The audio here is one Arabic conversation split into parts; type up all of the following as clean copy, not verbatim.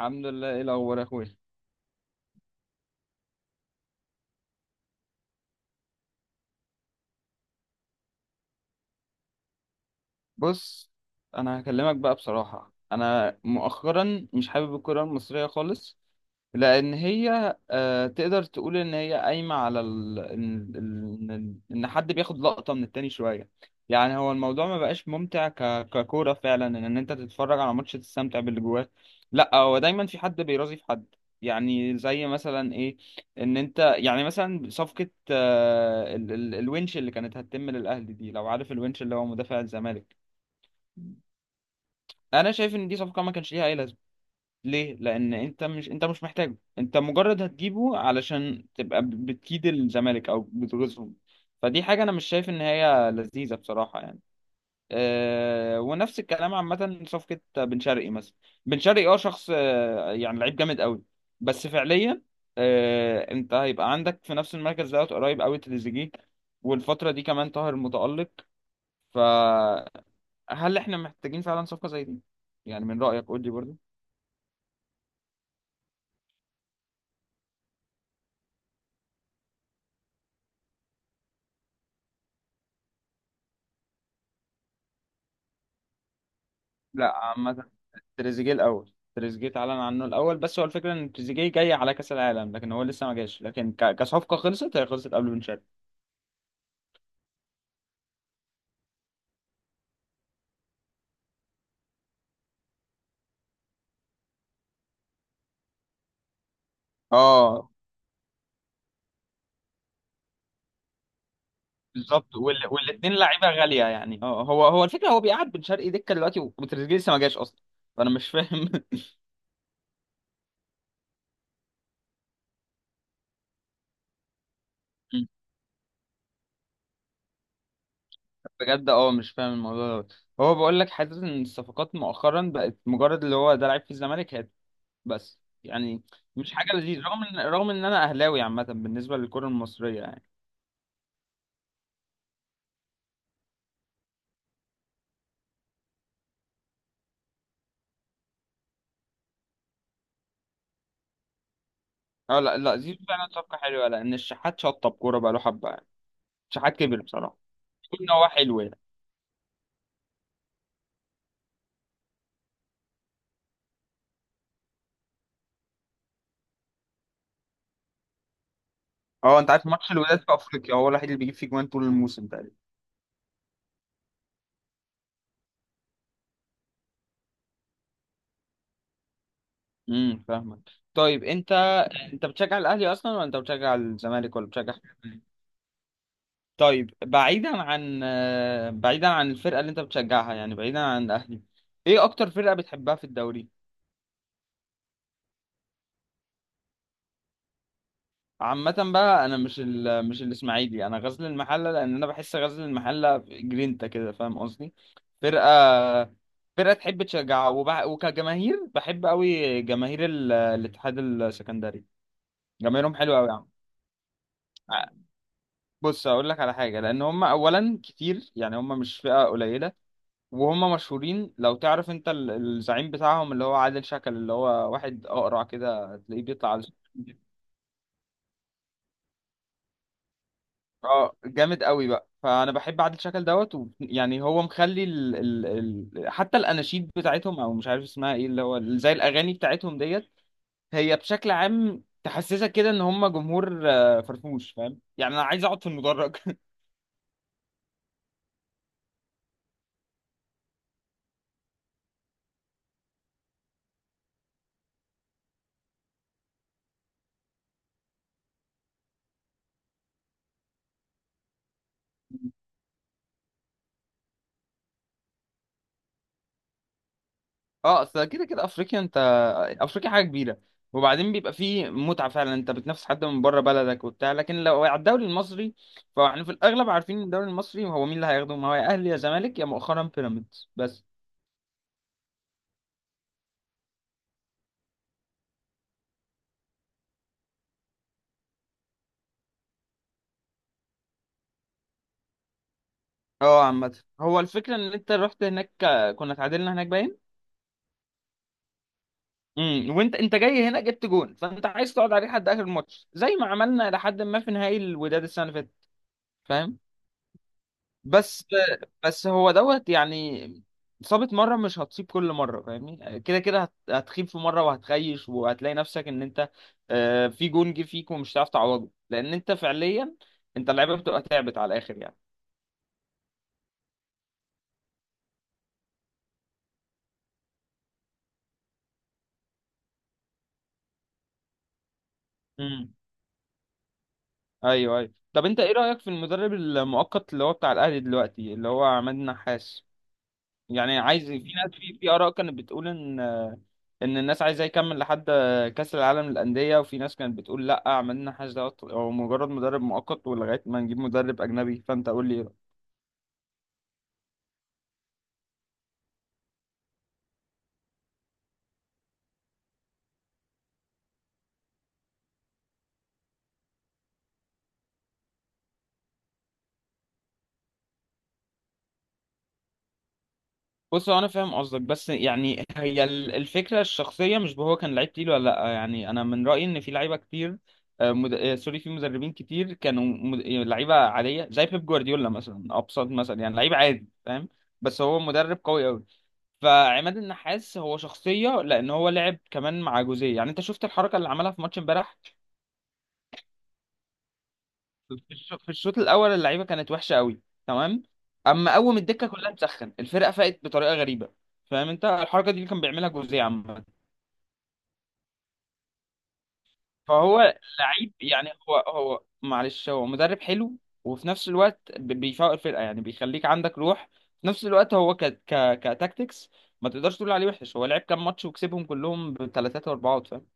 الحمد لله، ايه الاخبار يا اخويا؟ بص، انا هكلمك بقى بصراحه، انا مؤخرا مش حابب الكره المصريه خالص. لأن هي تقدر تقول إن هي قايمة على ال... إن إن- إن- إن حد بياخد لقطة من التاني شوية. يعني هو الموضوع ما بقاش ممتع ككورة فعلا، إن أنت تتفرج على ماتش تستمتع باللي جواه. لا، هو دايما في حد بيرازي في حد. يعني زي مثلا إيه، إن أنت يعني مثلا صفقة الونش اللي كانت هتتم للأهلي دي، لو عارف الونش اللي هو مدافع الزمالك. أنا شايف إن دي صفقة ما كانش ليها أي لازمة. ليه؟ لان انت مش محتاجه، انت مجرد هتجيبه علشان تبقى بتكيد الزمالك او بتغيظهم. فدي حاجه انا مش شايف ان هي لذيذه بصراحه يعني. أه، ونفس الكلام عامه صفقه بن شرقي مثلا. بن شرقي اه شخص يعني لعيب جامد قوي، بس فعليا أه، انت هيبقى عندك في نفس المركز دوت قريب قوي تريزيجيه، والفتره دي كمان طاهر متالق. فهل احنا محتاجين فعلا صفقه زي دي؟ يعني من رايك قول لي برضه. لا عامه، تريزيجيه اتعلن عنه الاول، بس هو الفكره ان تريزيجيه جاي على كاس العالم لكن هو لسه ما جاش، لكن كصفقه خلصت، هي خلصت قبل بن شرقي. اه بالظبط. والاثنين لعيبه غاليه يعني. اه، هو الفكره، هو بيقعد بن شرقي دكه دلوقتي وتريزيجيه لسه ما جاش اصلا، فانا مش فاهم. بجد اه مش فاهم الموضوع دوت. هو بقول لك حاسس ان الصفقات مؤخرا بقت مجرد اللي هو ده لعيب في الزمالك هات، بس يعني مش حاجه لذيذ، رغم ان انا اهلاوي عامه بالنسبه للكره المصريه يعني. اه لا لا، زيزو فعلا صفقة حلوة، لأن الشحات شطب كورة بقاله حبة يعني. الشحات كبر بصراحة، كل إن هو حلو يعني. اه، أنت عارف ماتش الوداد في أفريقيا هو الوحيد اللي بيجيب فيه جوان طول الموسم تقريبا. فاهمك. طيب أنت، أنت بتشجع الأهلي أصلا ولا أنت بتشجع الزمالك ولا بتشجع حاجة تانية؟ طيب بعيدا عن بعيدا عن الفرقة اللي أنت بتشجعها، يعني بعيدا عن الأهلي، إيه أكتر فرقة بتحبها في الدوري؟ عامة بقى انا مش مش الاسماعيلي، انا غزل المحلة، لان انا بحس غزل المحلة جرينتا كده فاهم قصدي. فرقة، فرقة تحب تشجع وكجماهير بحب قوي جماهير الاتحاد السكندري. جماهيرهم حلو قوي يا عم. ع- بص اقول لك على حاجة، لان هم اولا كتير يعني، هم مش فئة قليلة، وهم مشهورين. لو تعرف انت الزعيم بتاعهم اللي هو عادل شكل، اللي هو واحد اقرع كده تلاقيه بيطلع على السوشيال. اه جامد قوي بقى، فانا بحب عادل شكل دوت يعني هو مخلي حتى الاناشيد بتاعتهم، او مش عارف اسمها ايه اللي هو زي الاغاني بتاعتهم ديت، هي بشكل عام تحسسك كده ان هم جمهور فرفوش، فاهم يعني انا عايز اقعد في المدرج. اه، اصل كده كده افريقيا انت، افريقيا حاجه كبيره، وبعدين بيبقى فيه متعه فعلا، انت بتنافس حد من بره بلدك وبتاع، لكن لو على الدوري المصري، فاحنا في الاغلب عارفين إن الدوري المصري هو مين اللي هياخده، ما هو يا اهلي يا زمالك يا مؤخرا بيراميدز بس. اه، عامة هو الفكرة ان انت رحت هناك كنا اتعادلنا هناك باين. وانت، انت جاي هنا جبت جون، فانت عايز تقعد عليه لحد اخر الماتش زي ما عملنا لحد ما في نهائي الوداد السنة اللي فاتت، فاهم. بس، بس هو دوت يعني، صابت مرة مش هتصيب كل مرة، فاهمني كده كده هتخيب في مرة وهتخيش وهتلاقي نفسك ان انت في جون جه فيك ومش هتعرف تعوضه، لان انت فعليا انت اللعيبة بتبقى تعبت على الاخر. يعني ايوه ايوه، طب انت ايه رأيك في المدرب المؤقت اللي هو بتاع الاهلي دلوقتي اللي هو عماد النحاس؟ يعني عايز في ناس، في اراء كانت بتقول ان، ان الناس عايزاه يكمل لحد كأس العالم للأندية، وفي ناس كانت بتقول لا، عماد النحاس ده هو مجرد مدرب مؤقت ولغاية ما نجيب مدرب اجنبي، فانت قول لي. بص، هو انا فاهم قصدك، بس يعني هي الفكره الشخصيه مش هو كان لعيب تقيل ولا لا، يعني انا من رايي ان في لعيبه كتير آه، مد... آه، سوري، في مدربين كتير كانوا مد... آه، لعيبه عاديه زي بيب جوارديولا مثلا، ابسط مثلا، يعني لعيب عادي فاهم، بس هو مدرب قوي قوي. فعماد النحاس هو شخصيه، لان هو لعب كمان مع جوزيه. يعني انت شفت الحركه اللي عملها في ماتش امبارح؟ في في الشوط الاول اللعيبه كانت وحشه قوي، تمام، اما اول ما الدكه كلها مسخن الفرقه فاقت بطريقه غريبه. فاهم، انت الحركه دي اللي كان بيعملها جوزيه عامه. فهو لعيب يعني، هو معلش، هو مدرب حلو، وفي نفس الوقت بيفوق الفرقه يعني بيخليك عندك روح. في نفس الوقت هو ك ك كتاكتكس ما تقدرش تقول عليه وحش، هو لعب كام ماتش وكسبهم كلهم بثلاثات واربعات فاهم.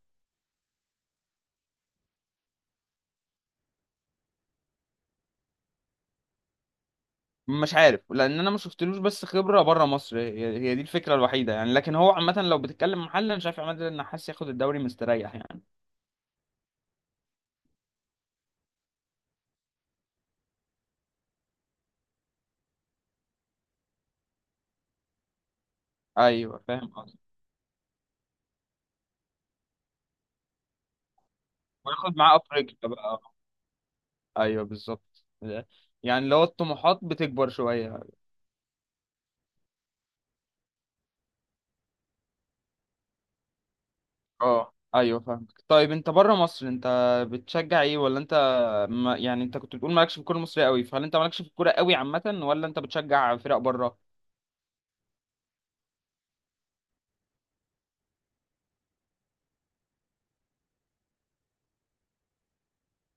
مش عارف، لان انا ما شفتلوش، بس خبره بره مصر هي دي الفكره الوحيده يعني، لكن هو عامه لو بتتكلم محل، انا شايف عماد النحاس ياخد الدوري مستريح يعني. ايوه فاهم قصدي. وياخد معاه افريقيا بقى، ايوه بالظبط. يعني لو الطموحات بتكبر شويه. اه ايوه فاهمك. طيب انت بره مصر انت بتشجع ايه؟ ولا انت، ما يعني انت كنت بتقول مالكش في الكوره المصريه قوي، فهل انت مالكش في الكوره قوي عامه ولا انت بتشجع فرق بره؟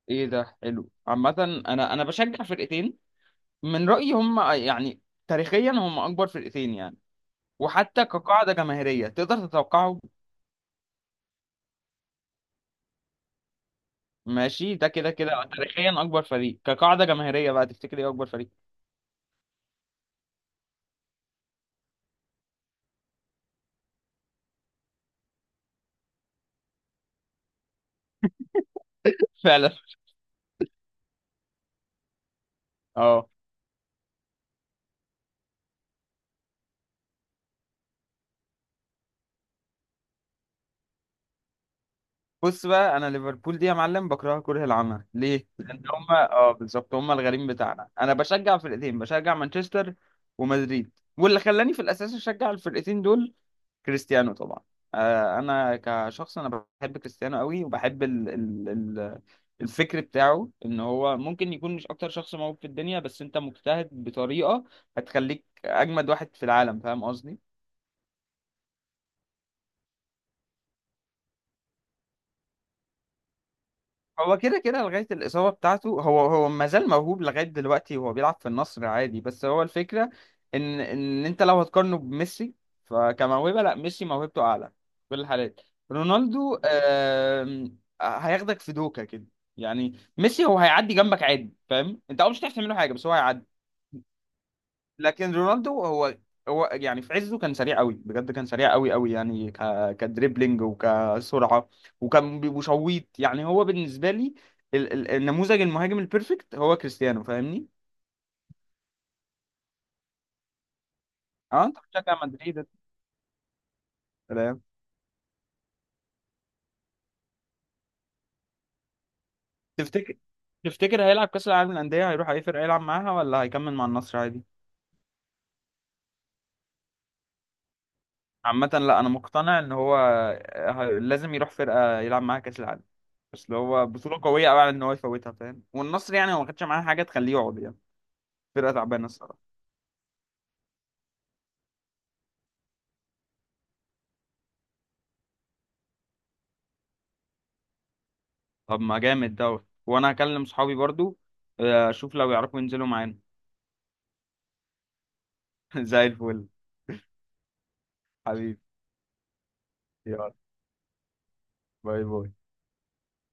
ايه ده حلو عامه. انا بشجع فرقتين، من رأيي هم يعني تاريخيا هم أكبر فرقتين يعني، وحتى كقاعدة جماهيرية تقدر تتوقعه. ماشي، ده كده كده تاريخيا أكبر فريق كقاعدة جماهيرية بقى. تفتكر إيه أكبر فريق؟ فعلا. اه، بص بقى، أنا ليفربول دي يا معلم بكرهها كره العمى. ليه؟ لأن هم اه بالظبط، هم الغريم بتاعنا. أنا بشجع فرقتين، بشجع مانشستر ومدريد. واللي خلاني في الأساس أشجع الفرقتين دول كريستيانو طبعا. انا كشخص انا بحب كريستيانو قوي، وبحب ال ال ال الفكر بتاعه، ان هو ممكن يكون مش اكتر شخص موهوب في الدنيا، بس انت مجتهد بطريقة هتخليك اجمد واحد في العالم، فاهم قصدي. هو كده كده لغاية الإصابة بتاعته، هو ما زال موهوب لغاية دلوقتي وهو بيلعب في النصر عادي، بس هو الفكرة إن أنت لو هتقارنه بميسي، فكموهبة لا، ميسي موهبته أعلى في كل الحالات. رونالدو هياخدك في دوكة كده، يعني ميسي هو هيعدي جنبك عادي فاهم أنت، أه مش هتعرف تعمل له حاجة بس هو هيعدي. لكن رونالدو هو، يعني في عزه كان سريع قوي بجد، كان سريع قوي قوي، يعني كدريبلينج وكسرعه، وكان وشويط، يعني هو بالنسبه لي النموذج المهاجم البيرفكت هو كريستيانو فاهمني؟ اه انت بتشجع مدريد. سلام. تفتكر، تفتكر هيلعب كاس العالم للانديه هيروح اي فرقه يلعب معاها، ولا هيكمل مع النصر عادي؟ عامة لا، انا مقتنع ان هو لازم يروح فرقة يلعب معاها كاس العالم، بس اللي هو بطولة قوية قوي على ان هو يفوتها فاهم، والنصر يعني هو ما خدش معاه حاجة تخليه يقعد يعني، فرقة تعبانة الصراحة. طب ما جامد دوت. وانا هكلم صحابي برضو، اشوف لو يعرفوا ينزلوا معانا. زي الفل. حبيبي، يلا. باي باي.